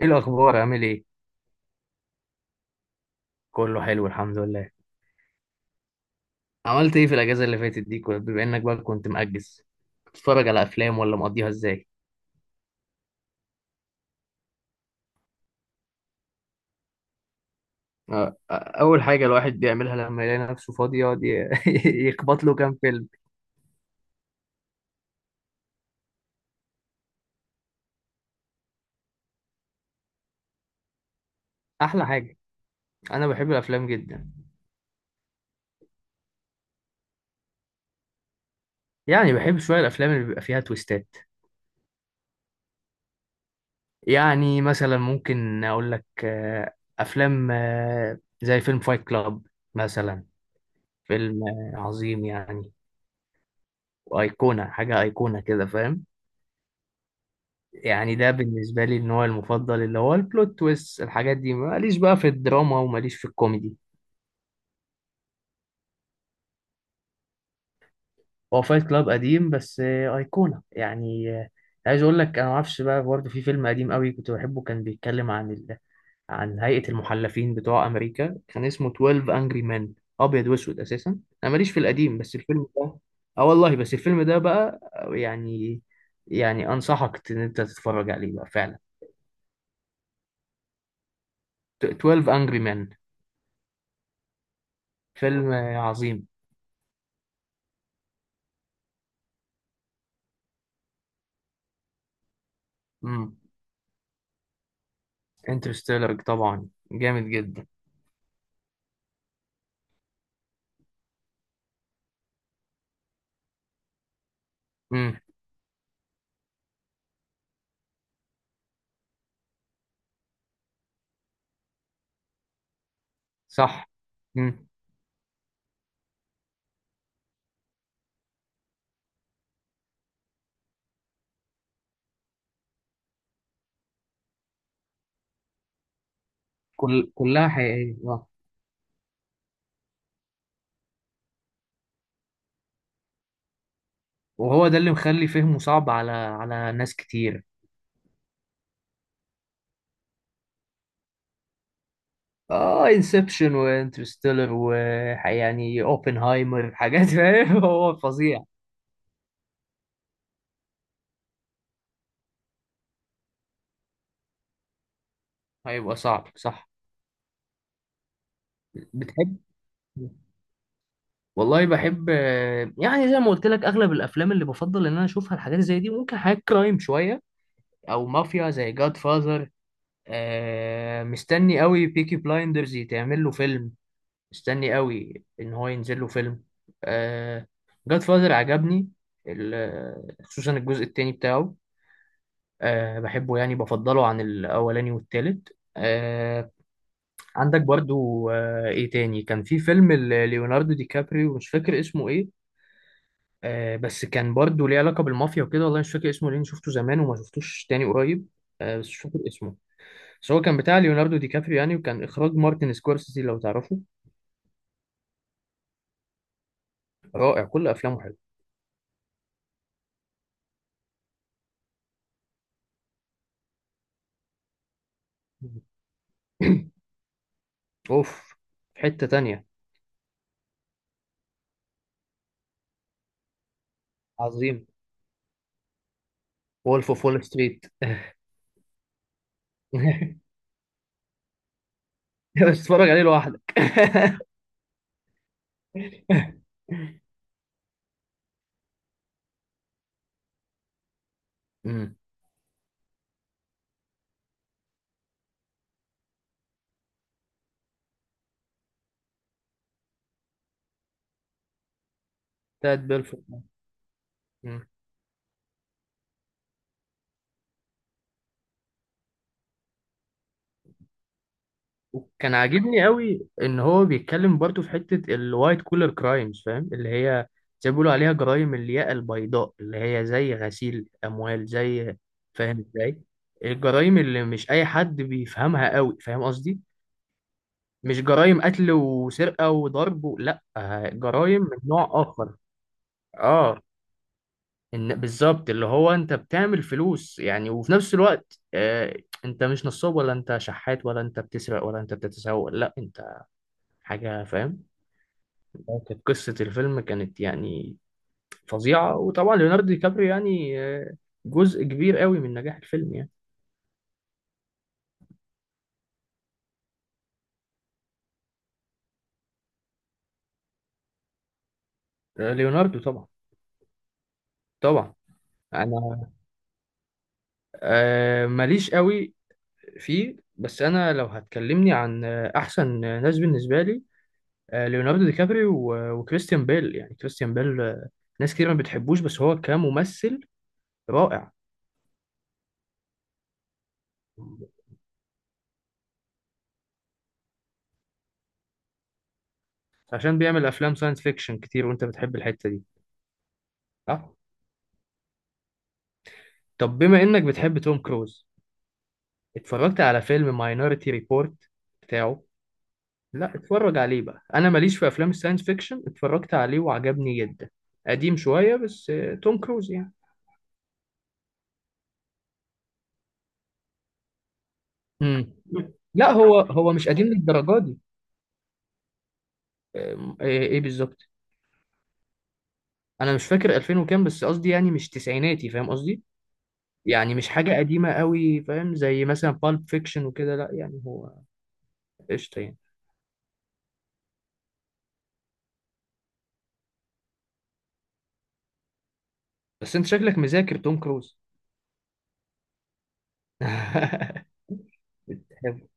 ايه الاخبار عامل ايه؟ كله حلو الحمد لله. عملت ايه في الاجازه اللي فاتت دي بما انك بقى كنت مأجز؟ بتتفرج على افلام ولا مقضيها ازاي؟ آه، آه. اول حاجه الواحد بيعملها لما يلاقي نفسه فاضي يقعد يخبط له كام فيلم. احلى حاجه. انا بحب الافلام جدا. يعني بحب شويه الافلام اللي بيبقى فيها تويستات. يعني مثلا ممكن اقول لك افلام زي فيلم فايت كلاب مثلا. فيلم عظيم يعني. وايقونه حاجه، ايقونه كده فاهم. يعني ده بالنسبة لي النوع المفضل اللي هو البلوت تويست، الحاجات دي ماليش بقى في الدراما وماليش في الكوميدي. هو فايت كلاب قديم بس أيقونة يعني عايز أقول لك، أنا معرفش بقى برضه في فيلم قديم قوي كنت بحبه، كان بيتكلم عن عن هيئة المحلفين بتوع أمريكا، كان اسمه 12 أنجري مان. أبيض وأسود أساسا. أنا ماليش في القديم بس الفيلم ده، آه والله، بس الفيلم ده بقى يعني يعني أنصحك إن أنت تتفرج عليه بقى فعلا. 12 أنجري مان. فيلم عظيم. انترستيلر طبعا جامد جدا. امم. صح. امم. كلها حقيقية آه. وهو ده اللي مخلي فهمه صعب على ناس كتير. اه، انسبشن وانترستيلر و، يعني اوبنهايمر، حاجات فاهم، هو فظيع. هيبقى صعب صح. بتحب والله بحب، يعني زي ما قلت لك اغلب الافلام اللي بفضل ان انا اشوفها الحاجات زي دي، ممكن حاجات كرايم شويه، او مافيا زي جاد فاذر. مستني قوي بيكي بلايندرز يتعمل له فيلم. مستني قوي ان هو ينزل له فيلم. آه. جاد فاذر عجبني خصوصا الجزء التاني بتاعه. آه بحبه، يعني بفضله عن الاولاني والتالت. آه. عندك برضو ايه تاني، كان في فيلم ليوناردو دي كابريو مش فاكر اسمه ايه. آه بس كان برضو ليه علاقة بالمافيا وكده، والله مش فاكر اسمه لان شفته زمان وما شفتوش تاني قريب. آه بس مش فاكر اسمه. بس هو كان بتاع ليوناردو دي كابريو يعني، وكان اخراج مارتن سكورسيزي لو تعرفه. رائع كل افلامه. حلوه. اوف. في حتة تانية. عظيم. وولف اوف وول ستريت. بس اتفرج عليه لوحدك. امم. بتاعت بيلفورد. امم. وكان عاجبني قوي ان هو بيتكلم برضو في حتة الوايت كولر كرايمز فاهم، اللي هي زي ما بيقولوا عليها جرائم الياقة البيضاء، اللي هي زي غسيل اموال، زي، فاهم ازاي، الجرائم اللي مش اي حد بيفهمها قوي فاهم قصدي. مش جرائم قتل وسرقة وضرب لا، جرائم من نوع اخر. اه. ان بالظبط، اللي هو انت بتعمل فلوس يعني، وفي نفس الوقت انت مش نصاب ولا انت شحات ولا انت بتسرق ولا انت بتتسوق، لا انت حاجة فاهم. كانت قصة الفيلم، كانت يعني فظيعة، وطبعا ليوناردو دي كابريو يعني جزء كبير قوي من نجاح الفيلم يعني. آه، ليوناردو طبعا. طبعا. انا ماليش قوي فيه، بس انا لو هتكلمني عن احسن ناس بالنسبة لي، ليوناردو دي كابريو وكريستيان بيل، يعني كريستيان بيل ناس كتير ما بتحبوش بس هو كممثل رائع. عشان بيعمل افلام ساينس فيكشن كتير، وانت بتحب الحتة دي. صح. طب بما انك بتحب توم كروز، اتفرجت على فيلم ماينوريتي ريبورت بتاعه؟ لا اتفرج عليه بقى، انا ماليش في افلام الساينس فيكشن، اتفرجت عليه وعجبني جدا. قديم شوية بس توم كروز يعني. مم. لا هو مش قديم للدرجة دي. إيه بالظبط. انا مش فاكر 2000 وكام، بس قصدي يعني مش تسعيناتي فاهم قصدي. يعني مش حاجه قديمه قوي فاهم، زي مثلا بالب فيكشن وكده، لا يعني هو قشطه يعني. بس انت شكلك مذاكر توم كروز. بتحبه.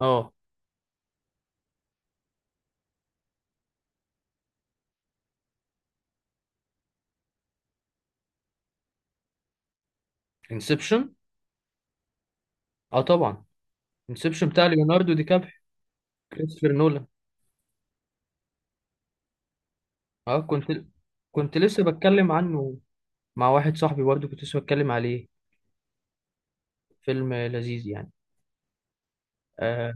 اه انسبشن. اه طبعا. انسبشن بتاع ليوناردو دي كابريو. كريستوفر نولان. اه كنت، كنت لسه بتكلم عنه مع واحد صاحبي، برضه كنت لسه بتكلم عليه. فيلم لذيذ يعني. آه.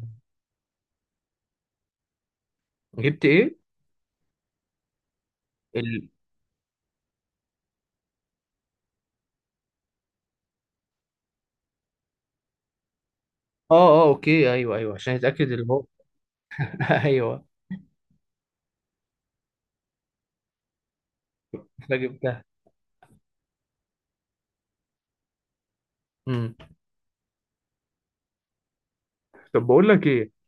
جبت ايه؟ ال... اه اه اوكي، ايوه ايوه، عشان اتاكد اللي هو، ايوه. فجبتها. طب بقول لك ايه،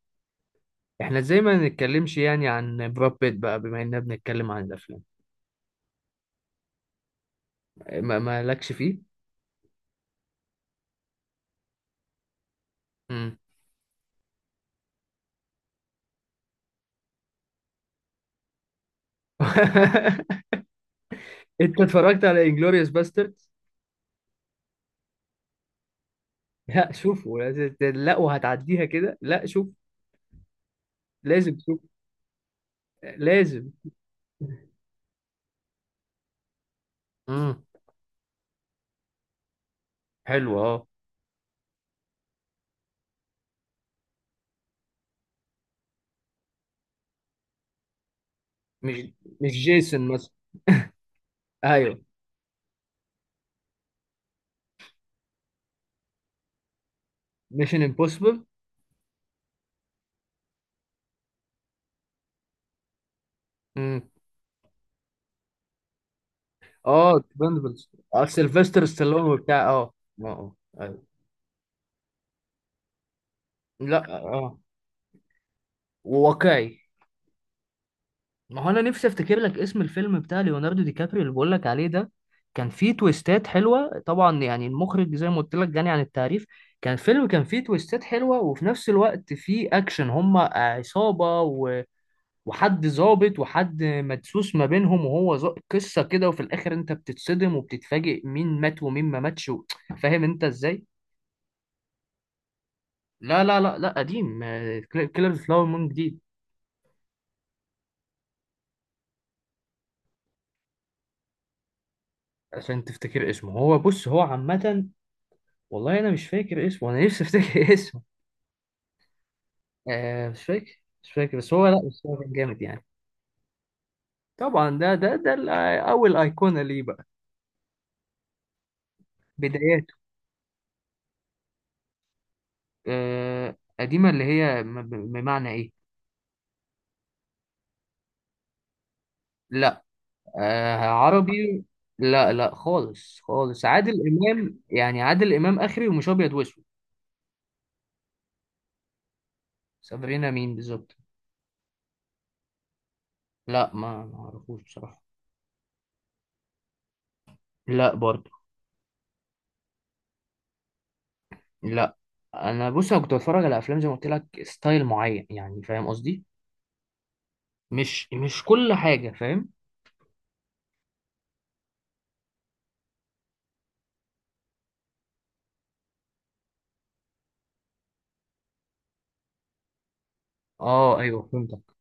احنا ازاي ما نتكلمش يعني عن براد بيت بقى، بما اننا بنتكلم عن الافلام. ما مالكش فيه. امم. انت اتفرجت على انجلوريوس باسترد؟ لا شوفه لا، وهتعديها كده؟ لا شوف. لازم شوف. لازم. امم. حلو اه. مش مش جيسون مثلا. ايوه. ميشن امبوسيبل. امم. اه ديبندبلز. اه سيلفستر ستالون وبتاع اه، اه، ايوه. لا اه. وواقعي. ما هو انا نفسي افتكر لك اسم الفيلم بتاع ليوناردو دي كابريو اللي بقول لك عليه ده. كان فيه تويستات حلوه طبعا، يعني المخرج زي ما قلت لك غني عن التعريف. كان فيلم، كان فيه تويستات حلوه وفي نفس الوقت فيه اكشن، هما عصابه وحد ظابط وحد مدسوس ما بينهم، وهو قصه كده، وفي الاخر انت بتتصدم وبتتفاجئ مين مات ومين ما ماتش فاهم انت ازاي. لا لا لا لا، قديم. كيلر فلاور مون جديد. عشان تفتكر اسمه، هو بص هو عامة، والله انا مش فاكر اسمه، انا نفسي افتكر اسمه. مش فاكر، مش فاكر، بس هو لا، بس هو كان جامد يعني. طبعا ده اول ايقونه ليه بقى. بداياته. قديمه، اللي هي بمعنى ايه؟ لا. آه عربي. لا لا، خالص خالص، عادل امام، يعني عادل امام اخري ومش ابيض واسود. سافرينا مين بالظبط؟ لا ما اعرفوش بصراحه. لا برضه. لا. انا بص انا كنت بتفرج على افلام زي ما قلت لك ستايل معين، يعني فاهم قصدي. مش كل حاجة فاهم. اه ايوه فهمتك.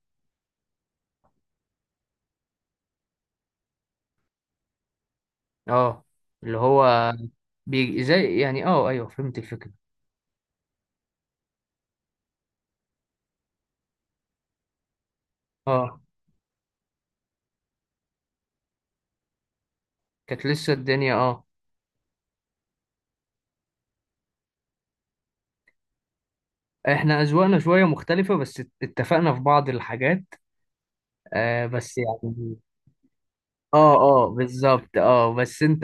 اه اللي هو بي زي يعني، اه ايوه فهمت الفكرة. اه كانت لسه الدنيا اه. احنا اذواقنا شوية مختلفة، بس اتفقنا في بعض الحاجات. بس يعني، اه اه بالظبط، اه بس انت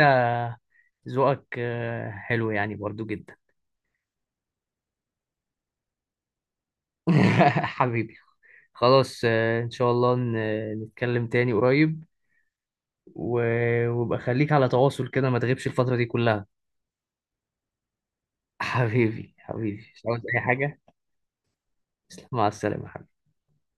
ذوقك حلو يعني، برضو جدا. حبيبي. خلاص ان شاء الله نتكلم تاني قريب، وابقى خليك على تواصل كده، ما تغيبش الفترة دي كلها. حبيبي حبيبي، مش عاوز أي حاجة. تسلم، مع السلامة.